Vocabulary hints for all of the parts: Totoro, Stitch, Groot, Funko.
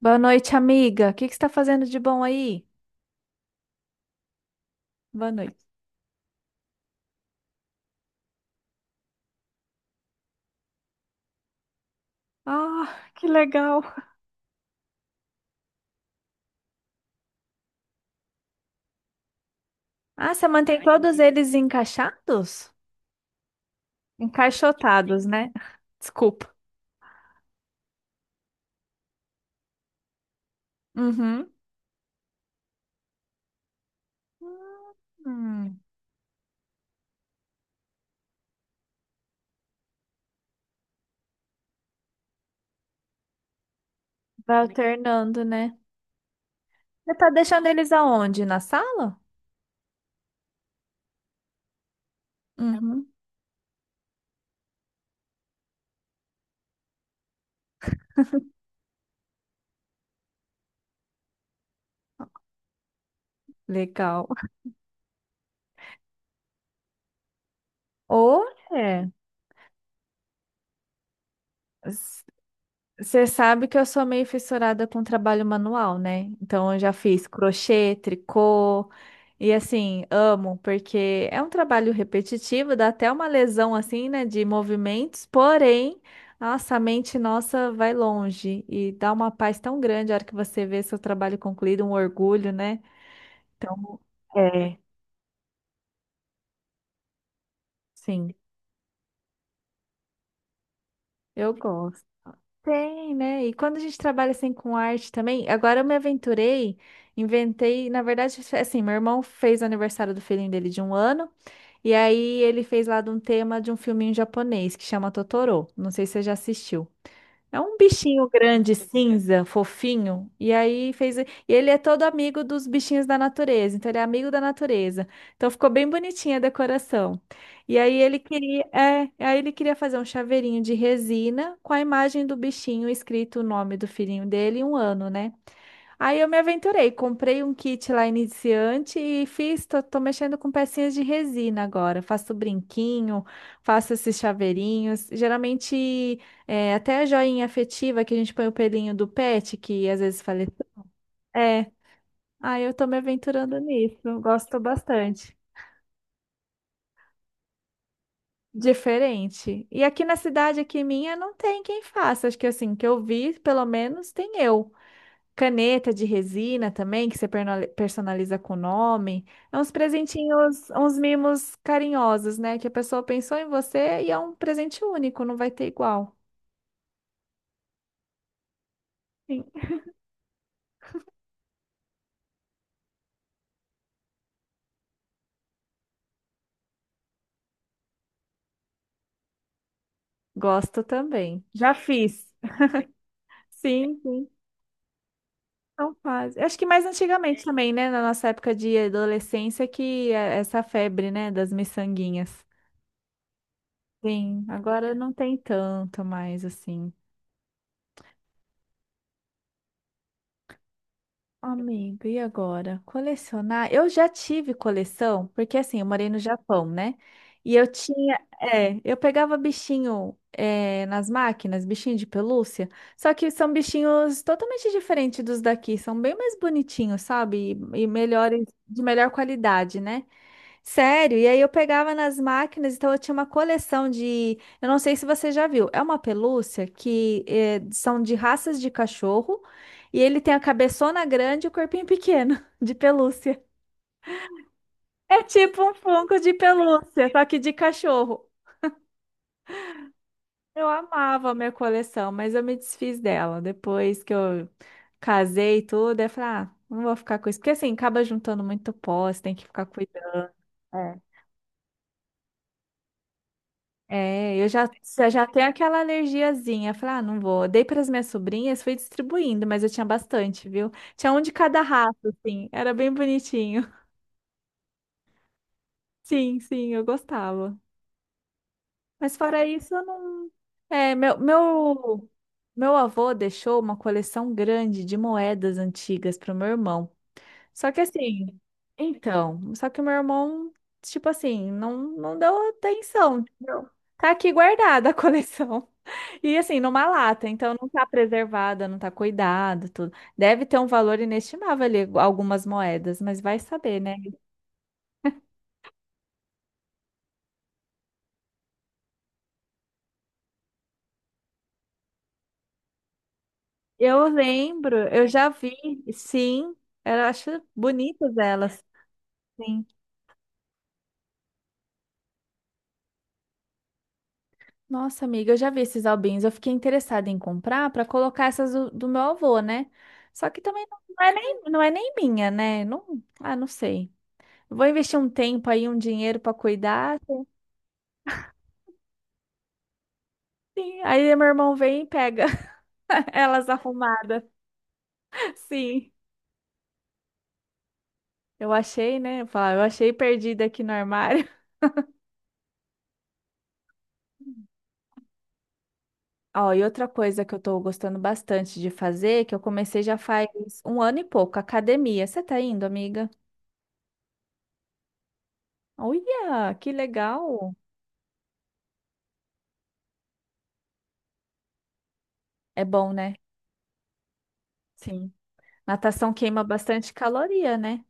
Boa noite, amiga. O que que você está fazendo de bom aí? Boa noite. Ah, que legal. Ah, você mantém todos eles encaixados? Encaixotados, né? Desculpa. Uhum. Hum. Vai alternando, né? Você tá deixando eles aonde? Na sala? Uhum. Legal. Olha, Você sabe que eu sou meio fissurada com trabalho manual, né? Então eu já fiz crochê, tricô e assim, amo, porque é um trabalho repetitivo, dá até uma lesão assim, né, de movimentos, porém, nossa, a mente nossa vai longe e dá uma paz tão grande a hora que você vê seu trabalho concluído, um orgulho, né? Então, é, sim, eu gosto. Tem, né? E quando a gente trabalha assim com arte também, agora eu me aventurei, inventei, na verdade, assim, meu irmão fez o aniversário do filhinho dele de 1 ano, e aí ele fez lá de um tema de um filminho japonês que chama Totoro. Não sei se você já assistiu. É um bichinho grande, cinza, fofinho. E aí fez. E ele é todo amigo dos bichinhos da natureza. Então ele é amigo da natureza. Então ficou bem bonitinha a decoração. E aí ele queria fazer um chaveirinho de resina com a imagem do bichinho escrito o nome do filhinho dele e 1 ano, né? Aí eu me aventurei, comprei um kit lá iniciante e fiz, tô mexendo com pecinhas de resina agora. Faço brinquinho, faço esses chaveirinhos. Geralmente, é, até a joinha afetiva que a gente põe o pelinho do pet, que às vezes falece. É, aí eu tô me aventurando nisso, gosto bastante. Diferente. E aqui na cidade, aqui minha, não tem quem faça. Acho que assim, que eu vi, pelo menos, tem eu. Caneta de resina também, que você personaliza com o nome. É uns presentinhos, uns mimos carinhosos, né? Que a pessoa pensou em você e é um presente único, não vai ter igual. Sim. Gosto também. Já fiz. Sim, sim. Então faz. Acho que mais antigamente também, né? Na nossa época de adolescência, que é essa febre, né? Das miçanguinhas. Sim, agora não tem tanto mais, assim. Amiga, e agora? Colecionar? Eu já tive coleção, porque assim, eu morei no Japão, né? E eu pegava bichinho, é, nas máquinas, bichinho de pelúcia, só que são bichinhos totalmente diferentes dos daqui, são bem mais bonitinhos, sabe? E melhores, de melhor qualidade, né? Sério, e aí eu pegava nas máquinas, então eu tinha uma coleção de. Eu não sei se você já viu, é uma pelúcia que são de raças de cachorro e ele tem a cabeçona grande e o corpinho pequeno de pelúcia. É tipo um Funko de pelúcia, só que de cachorro. Eu amava a minha coleção, mas eu me desfiz dela depois que eu casei e tudo. Eu falei, ah, não vou ficar com isso, porque assim acaba juntando muito pó, você tem que ficar cuidando. É. É, eu já tenho aquela alergiazinha. Falei, ah, não vou. Dei para as minhas sobrinhas, fui distribuindo, mas eu tinha bastante, viu? Tinha um de cada raça, assim. Era bem bonitinho. Sim, sim, eu gostava. Mas fora isso, eu não. É, meu avô deixou uma coleção grande de moedas antigas para o meu irmão. Só que assim, então, só que o meu irmão, tipo assim, não, não deu atenção, entendeu? Tá aqui guardada a coleção. E assim, numa lata, então não tá preservada, não tá cuidado, tudo. Deve ter um valor inestimável ali, algumas moedas, mas vai saber, né? Eu lembro, eu já vi, sim, eu acho bonitas elas. Sim. Nossa, amiga, eu já vi esses albinhos. Eu fiquei interessada em comprar para colocar essas do meu avô, né? Só que também não não é nem, não é nem minha, né? Não, ah, não sei. Vou investir um tempo aí, um dinheiro para cuidar. Sim. Aí meu irmão vem e pega elas arrumadas. Sim. Eu achei, né? Eu falo, eu achei perdida aqui no armário. Ó, e outra coisa que eu tô gostando bastante de fazer, que eu comecei já faz 1 ano e pouco, academia. Você tá indo, amiga? Olha, que legal. É bom, né? Sim. Natação queima bastante caloria, né?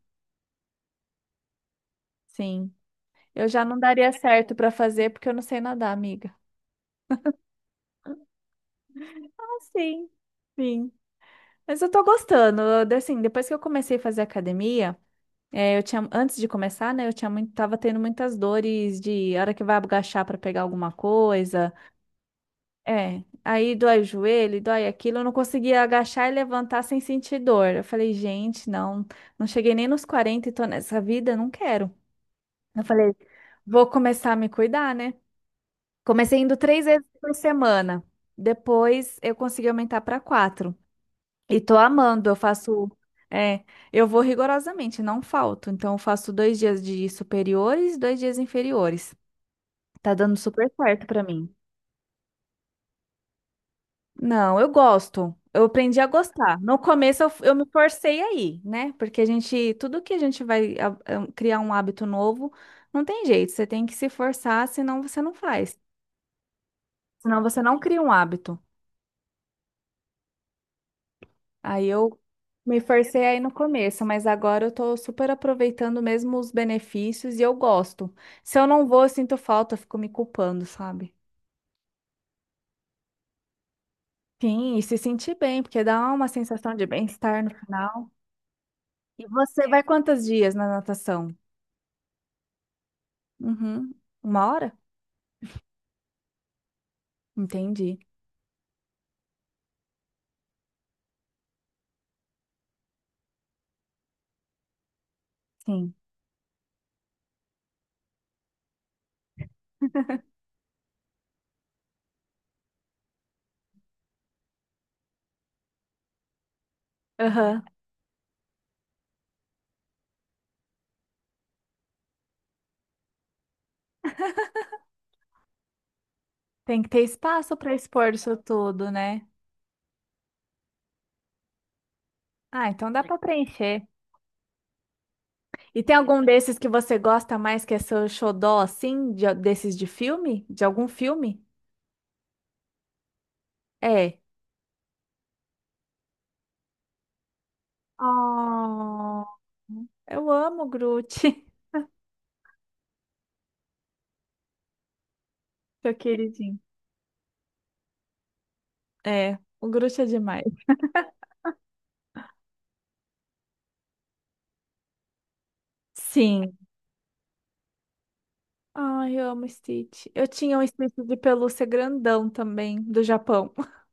Sim. Eu já não daria certo pra fazer porque eu não sei nadar, amiga. Ah, sim, sim. Mas eu tô gostando. Assim, depois que eu comecei a fazer academia, é, eu tinha, antes de começar, né, eu tinha muito, tava tendo muitas dores de hora que vai agachar pra pegar alguma coisa. É, aí dói o joelho, dói aquilo. Eu não conseguia agachar e levantar sem sentir dor. Eu falei, gente, não, não cheguei nem nos 40 e tô nessa vida, não quero. Eu falei, vou começar a me cuidar, né? Comecei indo 3 vezes por semana. Depois eu consegui aumentar para quatro. E tô amando, eu faço. É, eu vou rigorosamente, não falto. Então, eu faço 2 dias de superiores, 2 dias inferiores. Tá dando super certo pra mim. Não, eu gosto. Eu aprendi a gostar. No começo eu me forcei aí, né? Porque a gente, tudo que a gente vai criar um hábito novo, não tem jeito. Você tem que se forçar, senão você não faz. Senão você não cria um hábito. Aí eu me forcei aí no começo, mas agora eu tô super aproveitando mesmo os benefícios e eu gosto. Se eu não vou, eu sinto falta, eu fico me culpando, sabe? Sim, e se sentir bem, porque dá uma sensação de bem-estar no final. E você vai quantos dias na natação? Uhum. Uma hora? Entendi. Sim. Aham. Tem que ter espaço para expor isso tudo, né? Ah, então dá para preencher. E tem algum desses que você gosta mais que é seu xodó, assim, desses de filme? De algum filme? É, oh, eu amo o Groot, seu queridinho. É, o Groot é demais. Sim. Ai, eu amo Stitch. Eu tinha um Stitch de pelúcia grandão também, do Japão.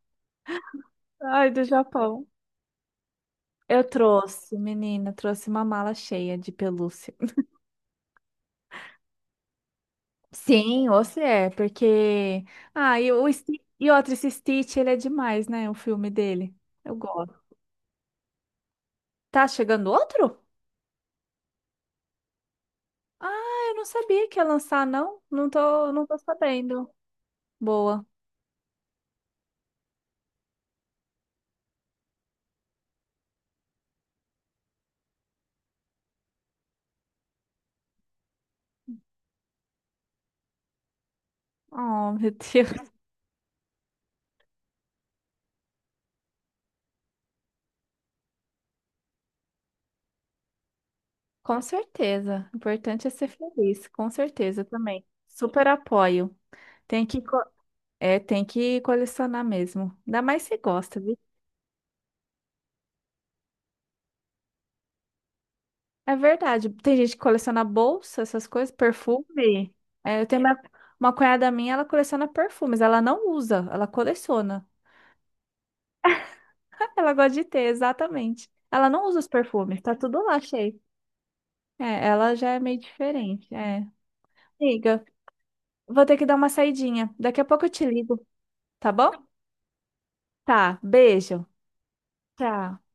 Ai, do Japão. Eu trouxe, menina, trouxe uma mala cheia de pelúcia. Sim, você é, porque. Ah, e, o, e outro, esse Stitch, ele é demais, né? O filme dele. Eu gosto. Tá chegando outro? Ah, eu não sabia que ia lançar, não. Não tô sabendo. Boa. Oh, meu Deus. Com certeza. O importante é ser feliz. Com certeza também. Super apoio. Tem que, co- tem que colecionar mesmo. Ainda mais se gosta, viu? É verdade. Tem gente que coleciona bolsa, essas coisas, perfume. É, eu tenho uma cunhada minha, ela coleciona perfumes. Ela não usa, ela coleciona. Ela gosta de ter, exatamente. Ela não usa os perfumes, tá tudo lá cheio. É, ela já é meio diferente. É. Amiga, vou ter que dar uma saidinha. Daqui a pouco eu te ligo, tá bom? Tá, beijo. Tchau.